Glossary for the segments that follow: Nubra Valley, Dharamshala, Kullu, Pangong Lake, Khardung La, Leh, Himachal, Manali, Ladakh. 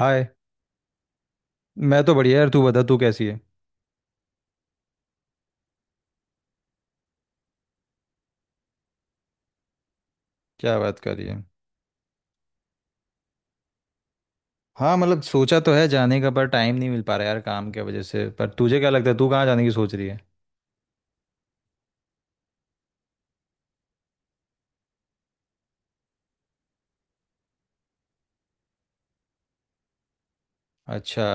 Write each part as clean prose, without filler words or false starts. हाय। मैं तो बढ़िया यार, तू बता तू कैसी है। क्या बात कर रही है। हाँ मतलब सोचा तो है जाने का पर टाइम नहीं मिल पा रहा यार काम की वजह से, पर तुझे क्या लगता है तू कहाँ जाने की सोच रही है। अच्छा।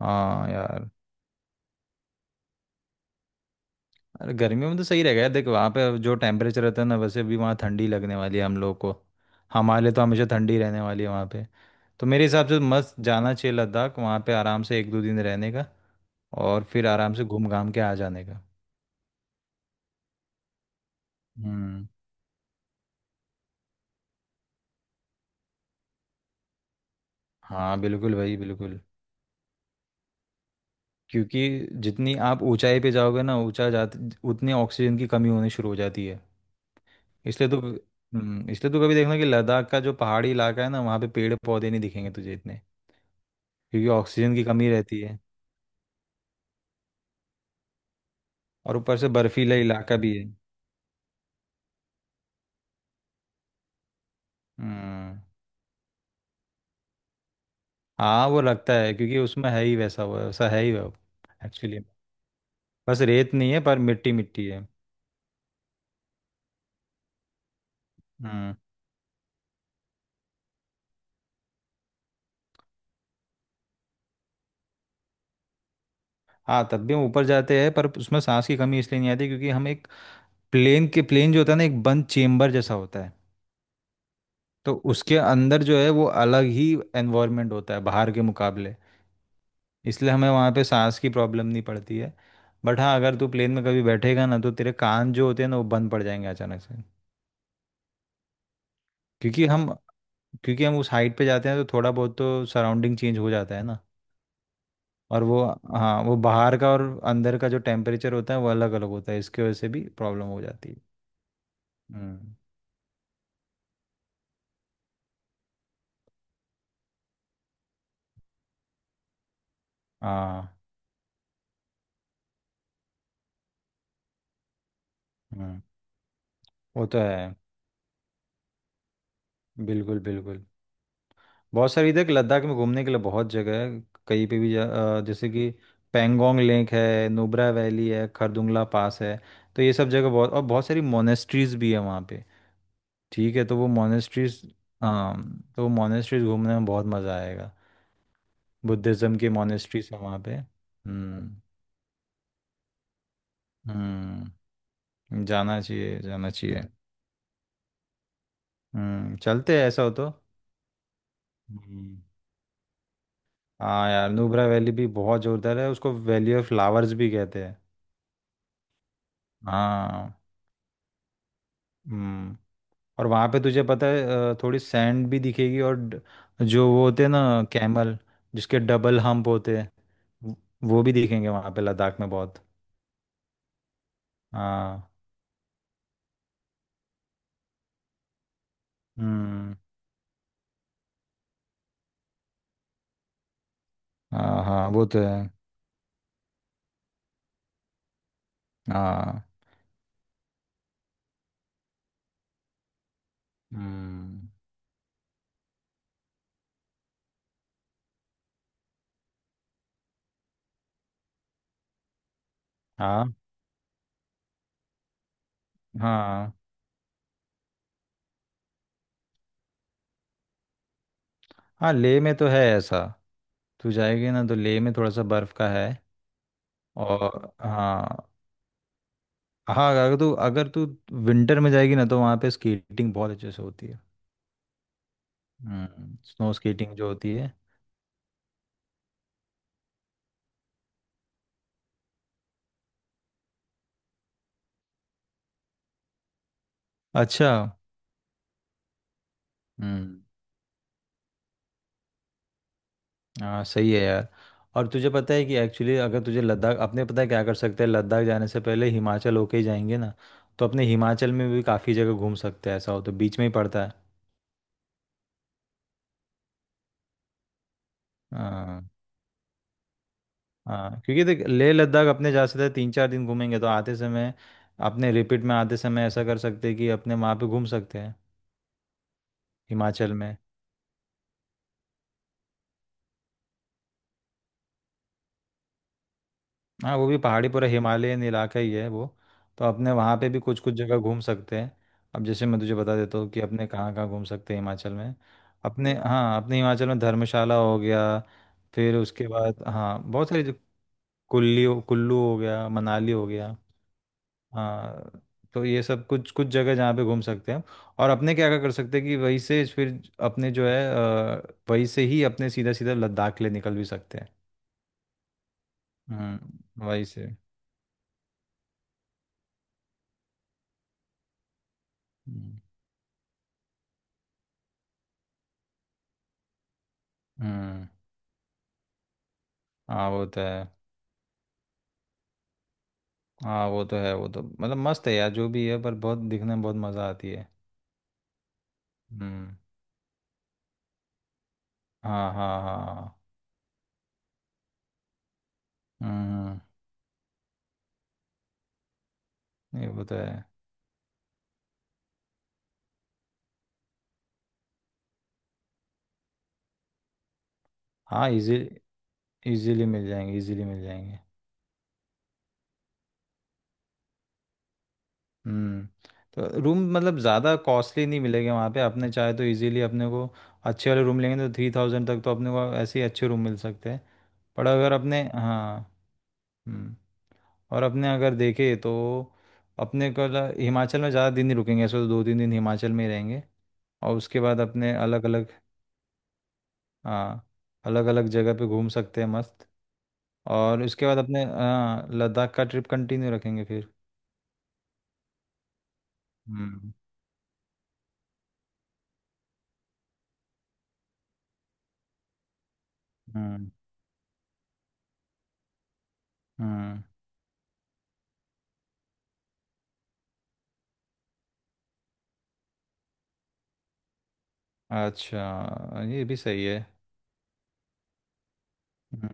हाँ यार। अरे गर्मियों में तो सही रहेगा यार, देख वहाँ पे जो टेम्परेचर रहता है ना वैसे भी वहाँ ठंडी लगने वाली है हम लोग को। हमारे लिए तो हमेशा ठंडी रहने वाली है वहाँ पे। तो मेरे हिसाब से मस्त जाना चाहिए लद्दाख, वहाँ पे आराम से 1-2 दिन रहने का। और फिर आराम से घूम घाम के आ जाने का। हम्म। हाँ बिल्कुल भाई बिल्कुल। क्योंकि जितनी आप ऊंचाई पे जाओगे ना, ऊंचा जाते उतनी ऑक्सीजन की कमी होनी शुरू हो जाती है। इसलिए तो कभी देखना कि लद्दाख का जो पहाड़ी इलाका है ना वहाँ पे पेड़ पौधे नहीं दिखेंगे तुझे इतने। क्योंकि ऑक्सीजन की कमी रहती है। और ऊपर से बर्फीला इलाका भी है। हम्म। हाँ वो लगता है क्योंकि उसमें है ही वैसा, वो वैसा है ही वो। एक्चुअली बस रेत नहीं है पर मिट्टी मिट्टी है। हम्म। हाँ तब भी हम ऊपर जाते हैं पर उसमें सांस की कमी इसलिए नहीं आती क्योंकि हम एक प्लेन जो होता है ना एक बंद चेम्बर जैसा होता है। तो उसके अंदर जो है वो अलग ही एनवायरनमेंट होता है बाहर के मुकाबले। इसलिए हमें वहाँ पे सांस की प्रॉब्लम नहीं पड़ती है। बट हाँ अगर तू प्लेन में कभी बैठेगा ना तो तेरे कान जो होते हैं ना वो बंद पड़ जाएंगे अचानक से। क्योंकि हम क्योंकि हम उस हाइट पे जाते हैं तो थोड़ा बहुत तो सराउंडिंग चेंज हो जाता है ना। और वो हाँ वो बाहर का और अंदर का जो टेम्परेचर होता है वो अलग अलग होता है, इसकी वजह से भी प्रॉब्लम हो जाती है। हम्म। हाँ हम्म। वो तो है बिल्कुल बिल्कुल। बहुत सारी इधर के लद्दाख में घूमने के लिए बहुत जगह है। कहीं पे भी जा। जैसे कि पैंगोंग लेक है, नुब्रा वैली है, खरदुंगला पास है। तो ये सब जगह बहुत और बहुत सारी मोनेस्ट्रीज भी है वहाँ पे। ठीक है। तो वो मोनेस्ट्रीज हाँ तो वो मोनेस्ट्रीज घूमने में बहुत मज़ा आएगा। बुद्धिज़्म की मोनेस्ट्रीज है वहाँ पे। हम्म। हम्म। जाना चाहिए जाना चाहिए। चलते हैं ऐसा हो तो। हम्म। हाँ यार नुब्रा वैली भी बहुत जोरदार है, उसको वैली ऑफ फ्लावर्स भी कहते हैं। हाँ। हम्म। और वहाँ पे तुझे पता है थोड़ी सैंड भी दिखेगी और जो वो होते हैं ना कैमल, जिसके डबल हम्प होते हैं। वो वो भी दिखेंगे वहाँ पे लद्दाख में बहुत। हाँ। हम्म। हाँ हाँ वो तो है। हाँ। हम्म। हाँ हाँ हाँ। लेह में तो है ऐसा। तू जाएगी ना तो लेह में थोड़ा सा बर्फ़ का है। और हाँ हाँ अगर तू विंटर में जाएगी ना तो वहाँ पे स्केटिंग बहुत अच्छे से होती है। स्नो स्केटिंग जो होती है। अच्छा। हम्म। हाँ सही है यार। और तुझे पता है कि एक्चुअली अगर तुझे लद्दाख अपने पता है क्या कर सकते हैं, लद्दाख जाने से पहले हिमाचल होके ही जाएंगे ना। तो अपने हिमाचल में भी काफ़ी जगह घूम सकते हैं ऐसा हो तो, बीच में ही पड़ता है। हाँ। हाँ क्योंकि देख लेह लद्दाख अपने जा सकते हैं, 3-4 दिन घूमेंगे तो आते समय अपने रिपीट में आते समय ऐसा कर सकते हैं कि अपने वहाँ पे घूम सकते हैं हिमाचल में। हाँ वो भी पहाड़ी पूरा हिमालयन इलाका ही है वो। तो अपने वहाँ पे भी कुछ कुछ जगह घूम सकते हैं। अब जैसे मैं तुझे बता देता हूँ कि अपने कहाँ कहाँ घूम सकते हैं हिमाचल में। अपने हिमाचल में धर्मशाला हो गया। फिर उसके बाद हाँ बहुत सारी कुल्लू हो गया, मनाली हो गया। हाँ तो ये सब कुछ कुछ जगह जहाँ पे घूम सकते हैं। और अपने क्या क्या कर सकते हैं कि वहीं से फिर अपने जो है वहीं से ही अपने सीधा सीधा लद्दाख के लिए निकल भी सकते हैं। वहीं से। हम्म। हम्म। हाँ वो तो है। हाँ वो तो है वो तो मतलब मस्त है यार जो भी है पर बहुत दिखने में बहुत मज़ा आती है। हम्म। हाँ हाँ हाँ। हम्म हम्म, ये वो तो है। हाँ इजीली मिल जाएंगे, इजीली मिल जाएंगे। हम्म। तो रूम मतलब ज़्यादा कॉस्टली नहीं मिलेंगे वहाँ पे, अपने चाहे तो इजीली अपने को अच्छे वाले रूम लेंगे तो 3,000 तक तो अपने को ऐसे ही अच्छे रूम मिल सकते हैं। पर अगर अपने हाँ हम्म, और अपने अगर देखे तो अपने को हिमाचल में ज़्यादा दिन नहीं रुकेंगे, ऐसे तो 2-3 दिन हिमाचल में ही रहेंगे। और उसके बाद अपने अलग अलग हाँ अलग अलग जगह पे घूम सकते हैं मस्त। और उसके बाद अपने हाँ लद्दाख का ट्रिप कंटिन्यू रखेंगे फिर। हम्म हम्म हम्म। अच्छा ये भी सही है। हम्म,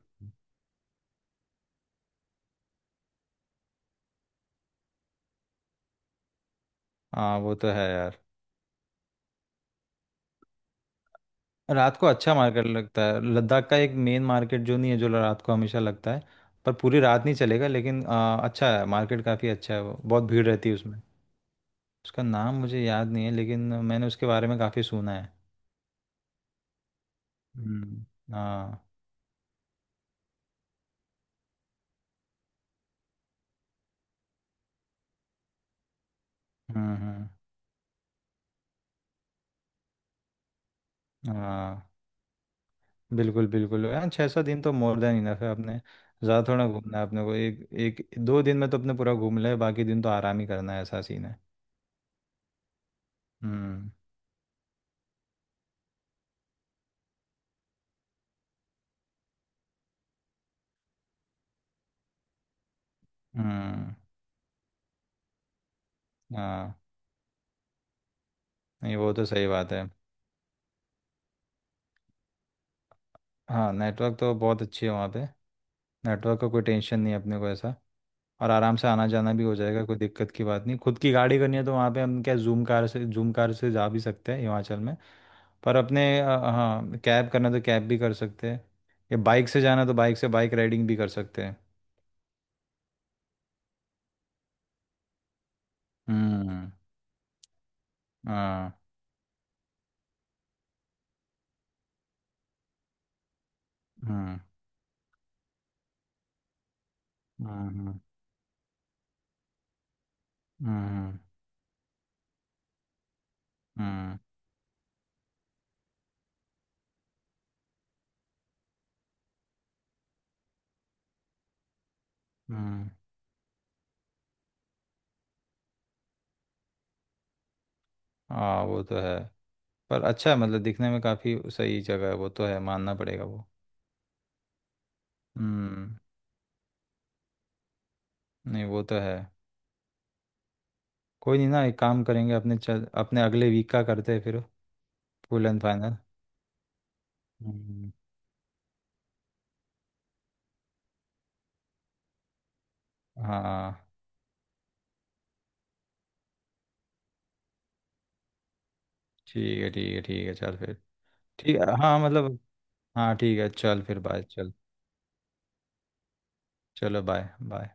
हाँ वो तो है यार। रात को अच्छा मार्केट लगता है लद्दाख का, एक मेन मार्केट जो नहीं है जो रात को हमेशा लगता है। पर पूरी रात नहीं चलेगा लेकिन अच्छा है मार्केट, काफ़ी अच्छा है वो, बहुत भीड़ रहती है उसमें। उसका नाम मुझे याद नहीं है, लेकिन मैंने उसके बारे में काफ़ी सुना है। हम्म। हाँ। हम्म। हम्म। हाँ बिल्कुल बिल्कुल, हाँ 600 दिन तो मोर देन इनफ है अपने। ज़्यादा थोड़ा घूमना है अपने को, एक एक दो दिन में तो अपने पूरा घूम ले, बाकी दिन तो आराम ही करना है ऐसा सीन है। हम्म हम्म। हाँ नहीं वो तो सही बात है। हाँ नेटवर्क तो बहुत अच्छी है वहाँ पे। नेटवर्क का कोई टेंशन नहीं है अपने को ऐसा। और आराम से आना जाना भी हो जाएगा, कोई दिक्कत की बात नहीं, खुद की गाड़ी करनी है तो वहाँ पे हम क्या जूम कार से जा भी सकते हैं हिमाचल में। पर अपने हाँ कैब करना तो कैब भी कर सकते हैं। या बाइक से जाना तो बाइक से बाइक राइडिंग भी कर सकते हैं। うんうん、うん、うん、うん、うん、うんहाँ वो तो है। पर अच्छा है मतलब दिखने में काफ़ी सही जगह है, वो तो है मानना पड़ेगा वो। हम्म। नहीं वो तो है। कोई नहीं ना, एक काम करेंगे अपने, चल अपने अगले वीक का करते हैं फिर। Full and final. हम्म। हाँ ठीक है ठीक है ठीक है चल फिर। ठीक है हाँ मतलब। हाँ ठीक है चल फिर, बाय चल। चलो, बाय बाय।